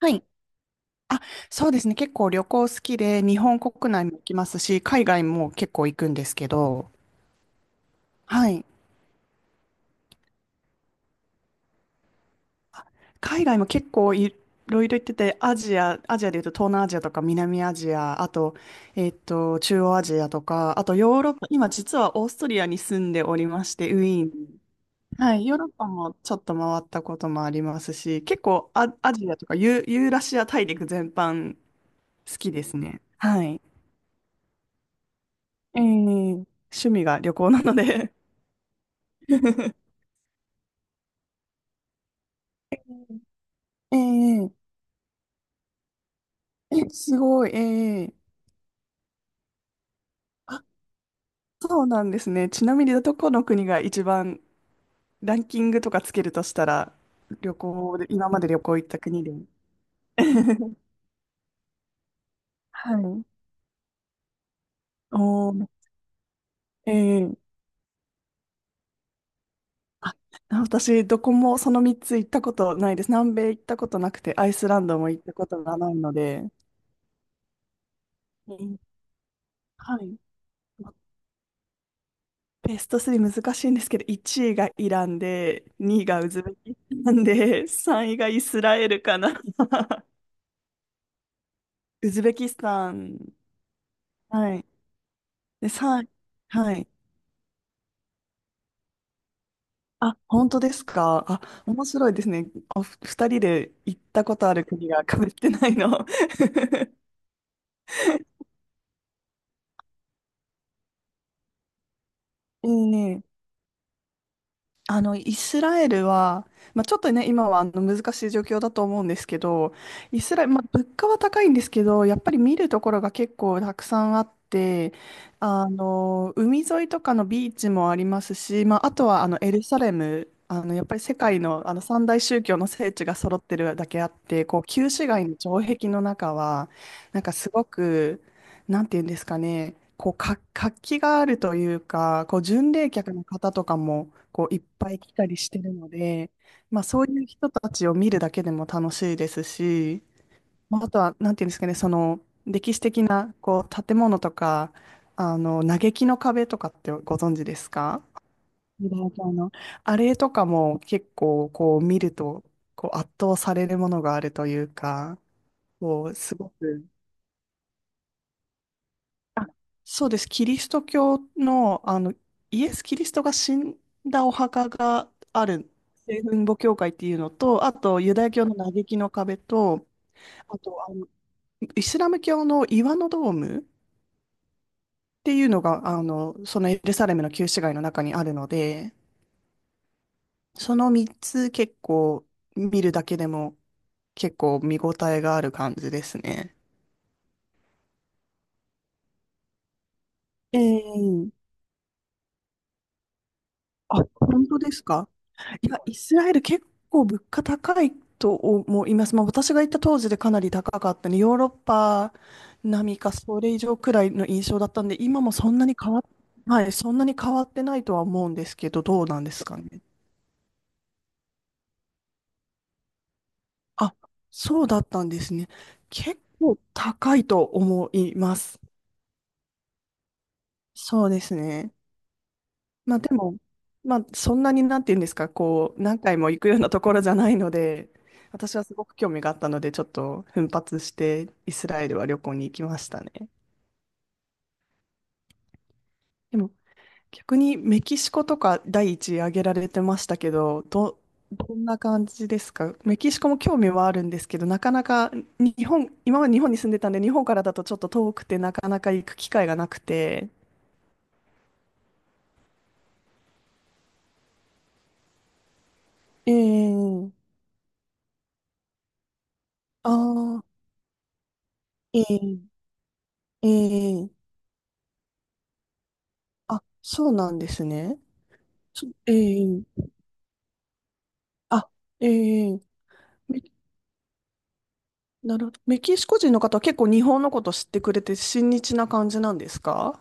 はい。あ、そうですね。結構旅行好きで、日本国内も行きますし、海外も結構行くんですけど、はい。あ、海外も結構いろいろ行ってて、アジアでいうと東南アジアとか南アジア、あと、中央アジアとか、あとヨーロッパ、今実はオーストリアに住んでおりまして、ウィーンに。はい。ヨーロッパもちょっと回ったこともありますし、結構アジアとかユーラシア大陸全般好きですね。はい。ええ、趣味が旅行なので ええ、え、すごい、ええ、あ、そうなんですね。ちなみにどこの国が一番ランキングとかつけるとしたら、旅行で、今まで旅行行った国で。はい。おー、ええ、あ、私、どこもその3つ行ったことないです。南米行ったことなくて、アイスランドも行ったことがないので。ええ、はい。ベスト3難しいんですけど、1位がイランで、2位がウズベキスタンで、3位がイスラエルかな。ウズベキスタン。はい。で、3、はい。あ、本当ですか。あ、面白いですね。お、2人で行ったことある国が被ってないの。ええ、あの、イスラエルは、まあ、ちょっとね、今はあの難しい状況だと思うんですけど、イスラエル、まあ、物価は高いんですけど、やっぱり見るところが結構たくさんあって、あの、海沿いとかのビーチもありますし、まあ、あとはあのエルサレム、あの、やっぱり世界の、あの三大宗教の聖地が揃ってるだけあって、こう旧市街の城壁の中は、なんかすごく、なんていうんですかね、こう、活気があるというか、こう、巡礼客の方とかも、こう、いっぱい来たりしてるので、まあ、そういう人たちを見るだけでも楽しいですし、まあ、あとは、なんていうんですかね、その、歴史的な、こう、建物とか、あの、嘆きの壁とかってご存知ですか？ユダヤ教のあれとかも結構、こう、見ると、こう、圧倒されるものがあるというか、こう、すごく、あ、そうです。キリスト教の、あの、イエス・キリストが死んだお墓がある、聖墳墓教会っていうのと、あと、ユダヤ教の嘆きの壁と、あと、あの、イスラム教の岩のドームっていうのが、あの、そのエルサレムの旧市街の中にあるので、その3つ結構見るだけでも結構見応えがある感じですね。ええ、あ、本当ですか？いや、イスラエル結構物価高いと思います。まあ、私が行った当時でかなり高かったね。ヨーロッパ並みかそれ以上くらいの印象だったんで、今もそんなに変わっ、はい、そんなに変わってないとは思うんですけど、どうなんですかね。あ、そうだったんですね。結構高いと思います。そうですね。まあでも、まあそんなになんて言うんですか、こう、何回も行くようなところじゃないので、私はすごく興味があったので、ちょっと奮発してイスラエルは旅行に行きましたね。でも逆にメキシコとか第一位挙げられてましたけど、どんな感じですか？メキシコも興味はあるんですけど、なかなか日本、今まで日本に住んでたんで、日本からだとちょっと遠くてなかなか行く機会がなくて。ええ、ああ、ええ、ええ、あ、そうなんですね。そ、ええ、あ、ええ、メなるほど。メキシコ人の方は結構日本のこと知ってくれて親日な感じなんですか？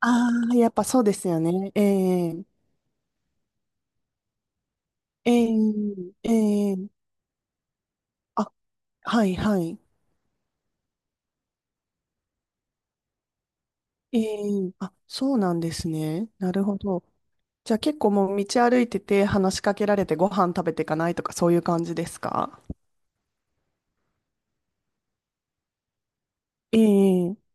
ああー、やっぱそうですよね。ええ、ええ、ええ、あ、はいはい。ええ、あ、そうなんですね。なるほど。じゃあ結構もう道歩いてて話しかけられてご飯食べていかないとかそういう感じですか？ええ、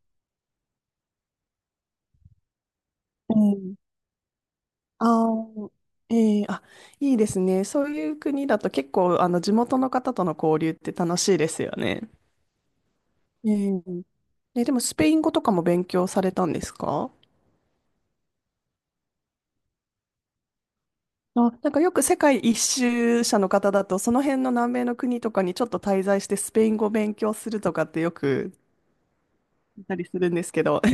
ええ、あー、ええ、あ、いいですね。そういう国だと結構、あの、地元の方との交流って楽しいですよね。ええ、え、でも、スペイン語とかも勉強されたんですか？あ、なんかよく世界一周者の方だと、その辺の南米の国とかにちょっと滞在してスペイン語を勉強するとかってよく言ったりするんですけど、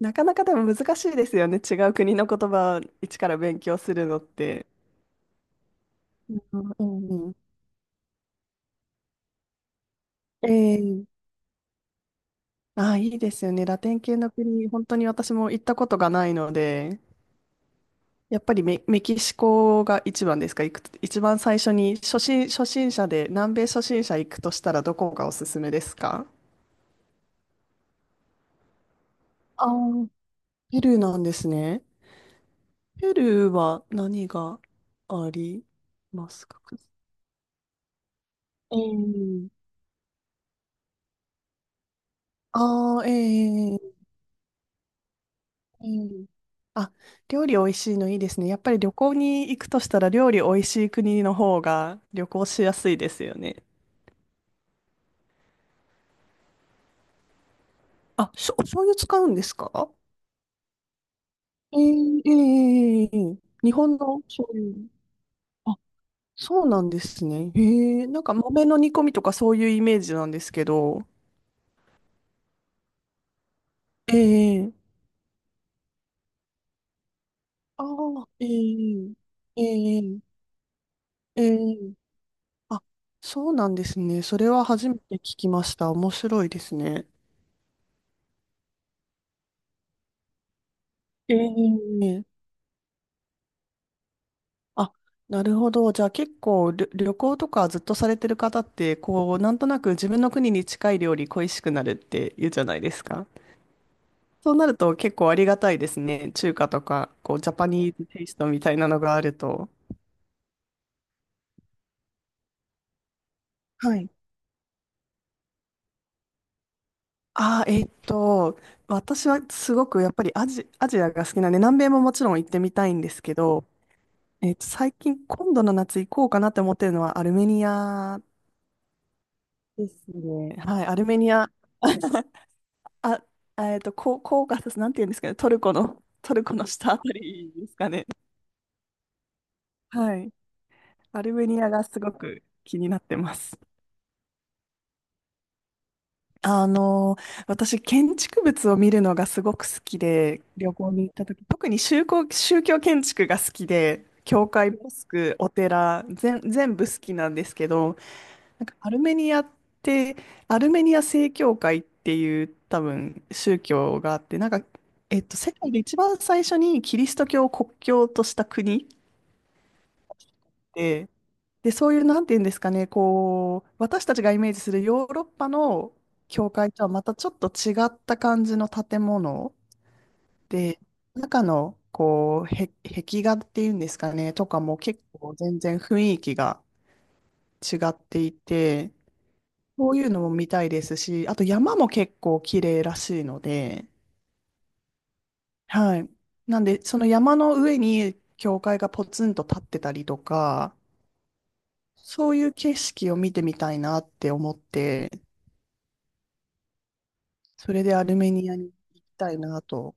なかなかでも難しいですよね。違う国の言葉を一から勉強するのって。うんうんうん、ええ、ああ、いいですよね。ラテン系の国、本当に私も行ったことがないので、やっぱりメキシコが一番ですか、行く、一番最初に初心者で、南米初心者行くとしたらどこがおすすめですか？ああー、ペルーなんですね。ペルーは何がありますか？ええ。ああ、ええ、ええ。あ、料理美味しいのいいですね。やっぱり旅行に行くとしたら料理美味しい国の方が旅行しやすいですよね。あ、お醤油使うんですか？ええ、ええ、ええ、ええ、日本の醤油。あ、そうなんですね。え、えなんか豆の煮込みとかそういうイメージなんですけど。ええ、ああ、ええ、ええ、ええ、あ、そうなんですね。それは初めて聞きました。面白いですね。ええ、あ、なるほど。じゃあ結構旅行とかずっとされてる方って、こう、なんとなく自分の国に近い料理恋しくなるって言うじゃないですか。そうなると結構ありがたいですね。中華とか、こう、ジャパニーズテイストみたいなのがあると。はい。ああ、私はすごくやっぱりアジアが好きなんで、南米ももちろん行ってみたいんですけど、最近、今度の夏行こうかなって思ってるのはアルメニアですね。はい、アルメニア、あ、こう、こうが、なんて言うんですかね、トルコの下あたりですかね。はい、アルメニアがすごく気になってます。あの、私、建築物を見るのがすごく好きで、旅行に行った時、特に宗教建築が好きで、教会、モスク、お寺、全部好きなんですけど、なんかアルメニアって、アルメニア正教会っていう多分宗教があって、なんか、世界で一番最初にキリスト教を国教とした国で、で、そういう、なんていうんですかね、こう、私たちがイメージするヨーロッパの教会とはまたちょっと違った感じの建物で、中の、こう、壁画っていうんですかね、とかも結構全然雰囲気が違っていて、そういうのも見たいですし、あと山も結構綺麗らしいので、はい。なんで、その山の上に教会がポツンと立ってたりとか、そういう景色を見てみたいなって思って、それでアルメニアに行きたいなと。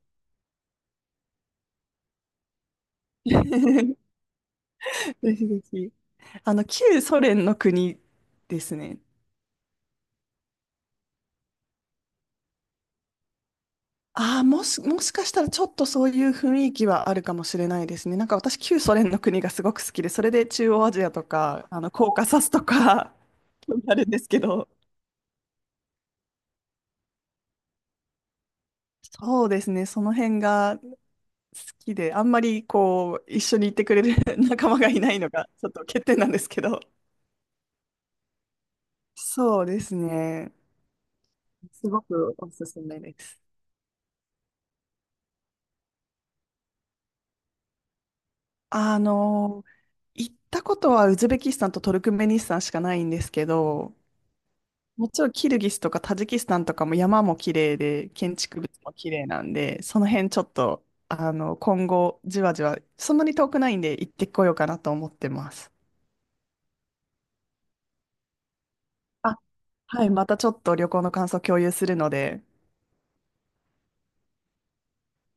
ぜひぜひ。あの、旧ソ連の国ですね。ああ、もしかしたらちょっとそういう雰囲気はあるかもしれないですね。なんか私、旧ソ連の国がすごく好きで、それで中央アジアとか、あの、コーカサスとか、興味あるんですけど、そうですね、その辺が好きで、あんまりこう、一緒に行ってくれる 仲間がいないのが、ちょっと欠点なんですけど、そうですね、すごくおすすめです。あの、行ったことはウズベキスタンとトルクメニスタンしかないんですけど、もちろんキルギスとかタジキスタンとかも山も綺麗で、建築物も綺麗なんで、その辺ちょっと、あの、今後じわじわ、そんなに遠くないんで行ってこようかなと思ってます。あ、はい、またちょっと旅行の感想共有するので、